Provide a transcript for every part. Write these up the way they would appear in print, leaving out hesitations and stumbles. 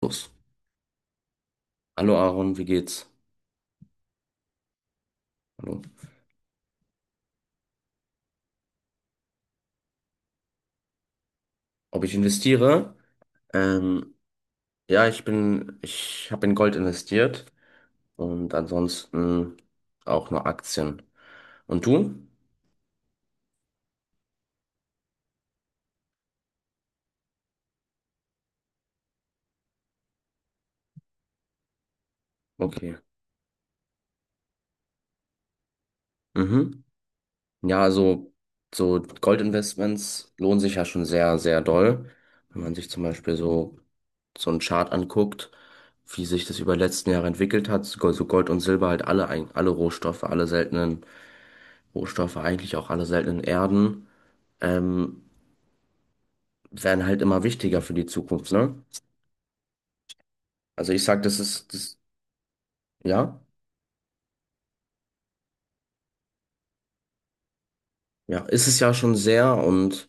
Los. Hallo Aaron, wie geht's? Hallo. Ob ich investiere? Ähm, ja, ich habe in Gold investiert und ansonsten auch nur Aktien. Und du? Okay. Mhm. Ja, also so Goldinvestments lohnen sich ja schon sehr, sehr doll. Wenn man sich zum Beispiel so einen Chart anguckt, wie sich das über die letzten Jahre entwickelt hat, so Gold und Silber halt alle, alle Rohstoffe, alle seltenen Rohstoffe, eigentlich auch alle seltenen Erden. Ähm, werden halt immer wichtiger für die Zukunft, ne? Also ich sag, ja, ja, ist es ja schon sehr und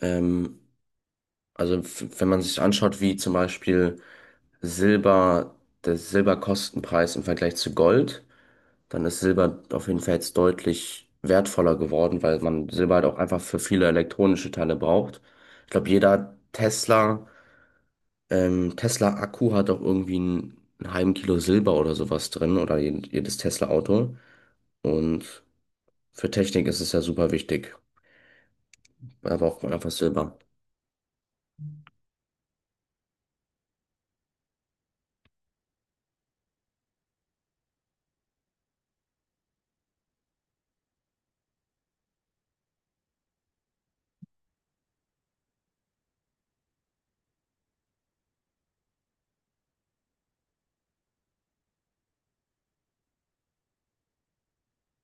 ähm, also wenn man sich anschaut, wie zum Beispiel Silber, der Silberkostenpreis im Vergleich zu Gold, dann ist Silber auf jeden Fall jetzt deutlich wertvoller geworden, weil man Silber halt auch einfach für viele elektronische Teile braucht. Ich glaube, jeder Tesla-Akku hat auch irgendwie einen halben Kilo Silber oder sowas drin oder jedes Tesla-Auto. Und für Technik ist es ja super wichtig, aber auch einfach Silber.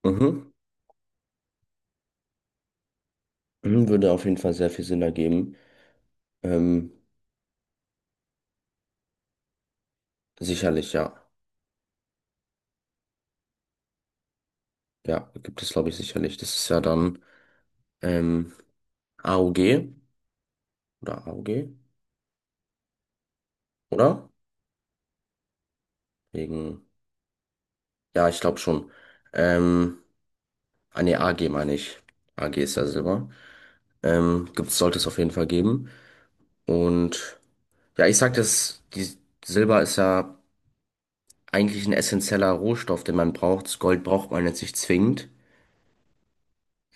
Mhm. Mhm. Würde auf jeden Fall sehr viel Sinn ergeben. Ähm, Sicherlich, ja. Ja, gibt es, glaube ich, sicherlich. Das ist ja dann ähm, AOG oder AOG, oder? Wegen, ja, ich glaube schon. Ähm, Nee, AG meine ich. AG ist ja Silber. Sollte es auf jeden Fall geben. Und ja, ich sag das, die Silber ist ja eigentlich ein essentieller Rohstoff, den man braucht. Das Gold braucht man jetzt nicht zwingend.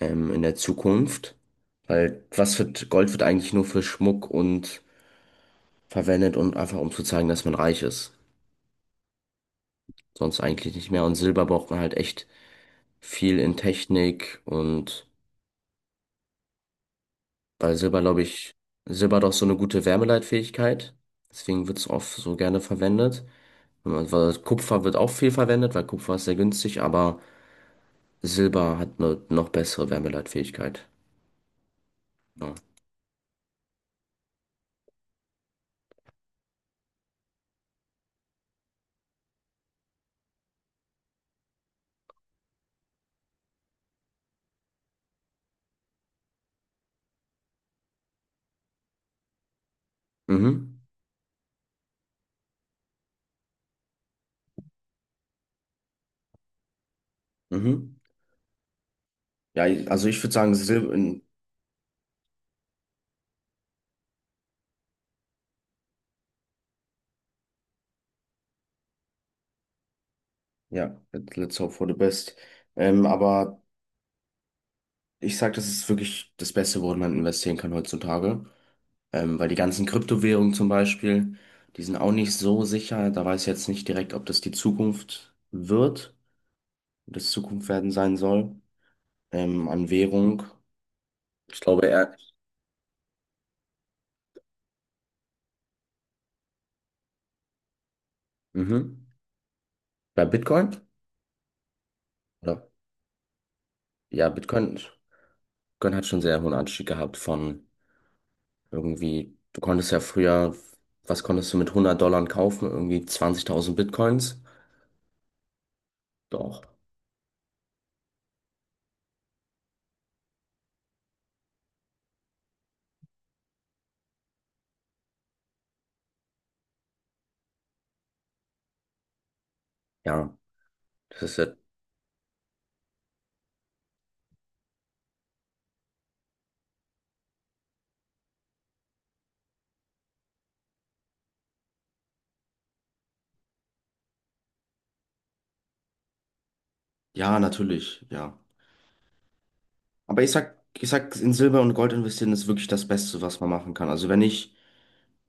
ähm, in der Zukunft. Weil Gold wird eigentlich nur für Schmuck und verwendet und einfach um zu zeigen, dass man reich ist. Sonst eigentlich nicht mehr. Und Silber braucht man halt echt viel in Technik und weil Silber, glaube ich, Silber hat auch so eine gute Wärmeleitfähigkeit. Deswegen wird es oft so gerne verwendet. Wenn man- Weil Kupfer wird auch viel verwendet, weil Kupfer ist sehr günstig, aber Silber hat eine noch bessere Wärmeleitfähigkeit. Ja. Mhm. Mhm. Ja, also ich würde sagen, Silber, ja, let's hope for the best. Aber ich sag, das ist wirklich das Beste, worin man investieren kann heutzutage. Weil die ganzen Kryptowährungen zum Beispiel, die sind auch nicht so sicher. Da weiß ich jetzt nicht direkt, ob das die Zukunft wird, ob das Zukunft werden sein soll. An Währung. Ich glaube eher. Mhm. Bei Bitcoin? Oder? Ja, Bitcoin hat schon sehr hohen Anstieg gehabt von irgendwie, du konntest ja früher, was konntest du mit 100 Dollar kaufen? Irgendwie 20.000 Bitcoins. Doch. Ja, das ist ja, ja, natürlich, ja. Aber ich sag, in Silber und Gold investieren ist wirklich das Beste, was man machen kann. Also wenn ich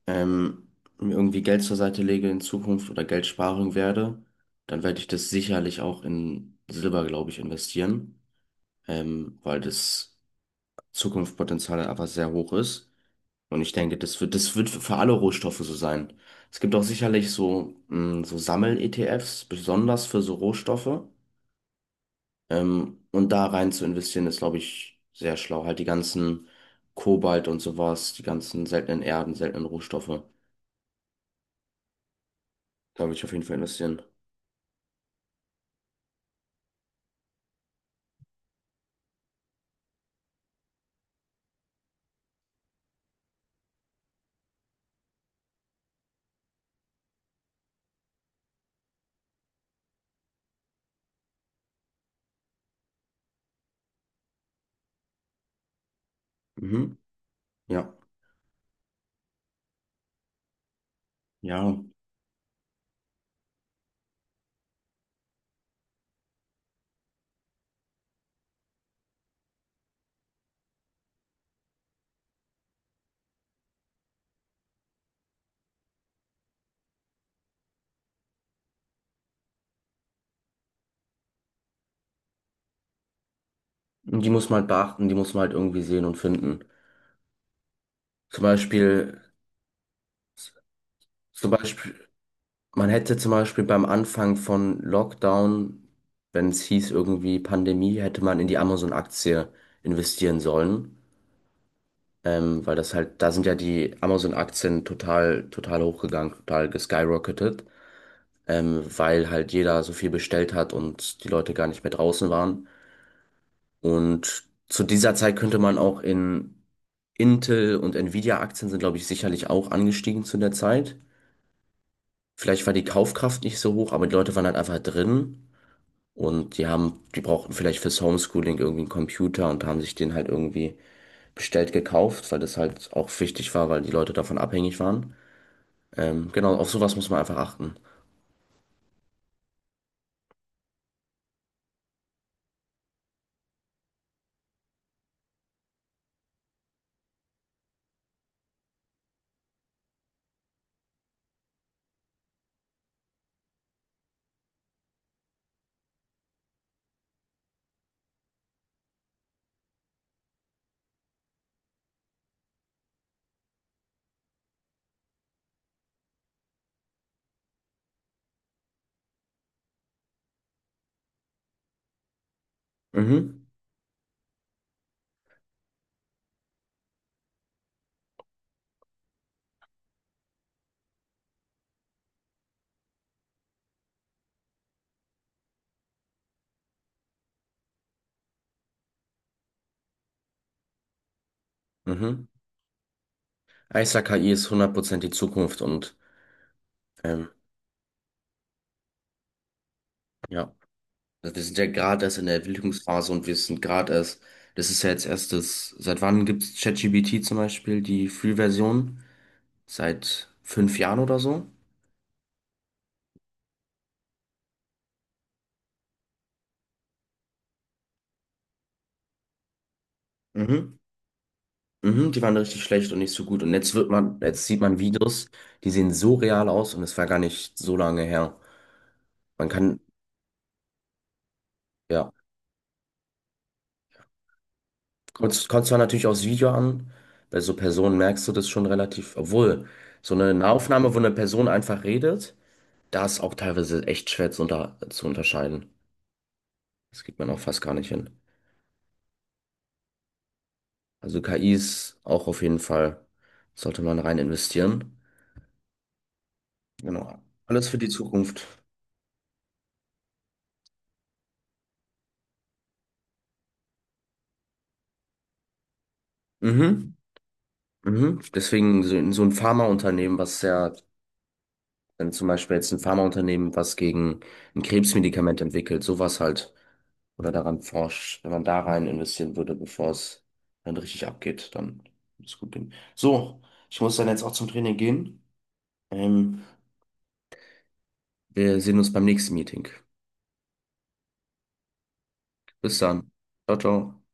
ähm, mir irgendwie Geld zur Seite lege in Zukunft oder Geld sparen werde, dann werde ich das sicherlich auch in Silber, glaube ich, investieren, weil das Zukunftspotenzial einfach sehr hoch ist. Und ich denke, das wird für alle Rohstoffe so sein. Es gibt auch sicherlich so Sammel-ETFs, besonders für so Rohstoffe. Und da rein zu investieren, ist, glaube ich, sehr schlau. Halt die ganzen Kobalt und sowas, die ganzen seltenen Erden, seltenen Rohstoffe. Da würde ich auf jeden Fall investieren. Mhm. Ja. Ja. Und die muss man halt beachten, die muss man halt irgendwie sehen und finden. Zum Beispiel, zum Beispiel, man hätte zum Beispiel beim Anfang von Lockdown, wenn es hieß irgendwie Pandemie, hätte man in die Amazon-Aktie investieren sollen. Weil das halt, da sind ja die Amazon-Aktien total, total hochgegangen, total geskyrocketet, weil halt jeder so viel bestellt hat und die Leute gar nicht mehr draußen waren. Und zu dieser Zeit könnte man auch in Intel und Nvidia-Aktien sind, glaube ich, sicherlich auch angestiegen zu der Zeit. Vielleicht war die Kaufkraft nicht so hoch, aber die Leute waren halt einfach drin und die haben, die brauchten vielleicht fürs Homeschooling irgendwie einen Computer und haben sich den halt irgendwie bestellt gekauft, weil das halt auch wichtig war, weil die Leute davon abhängig waren. Genau, auf sowas muss man einfach achten. Mhm, mhm. Ja, ich sag, KI ist 100% die Zukunft und ähm, ja, wir sind ja gerade erst in der Entwicklungsphase und wir sind gerade erst, das ist ja jetzt erst das, seit wann gibt es ChatGPT zum Beispiel, die Free-Version? Seit 5 Jahren oder so? Mhm. Mhm, die waren richtig schlecht und nicht so gut. Und jetzt jetzt sieht man Videos, die sehen so real aus und es war gar nicht so lange her. Man kann, ja. Kommt zwar natürlich aufs Video an, bei so Personen merkst du das schon relativ, obwohl so eine Nahaufnahme, wo eine Person einfach redet, da ist auch teilweise echt schwer zu unterscheiden. Das kriegt man auch fast gar nicht hin. Also KIs auch auf jeden Fall sollte man rein investieren. Genau. Alles für die Zukunft. Mhm. Mhm. Deswegen so ein Pharmaunternehmen, was sehr wenn zum Beispiel jetzt ein Pharmaunternehmen was gegen ein Krebsmedikament entwickelt, sowas halt, oder daran forscht, wenn man da rein investieren würde, bevor es dann richtig abgeht, dann würde es gut gehen. So, ich muss dann jetzt auch zum Training gehen. Ähm, Wir sehen uns beim nächsten Meeting. Bis dann. Ciao, ciao.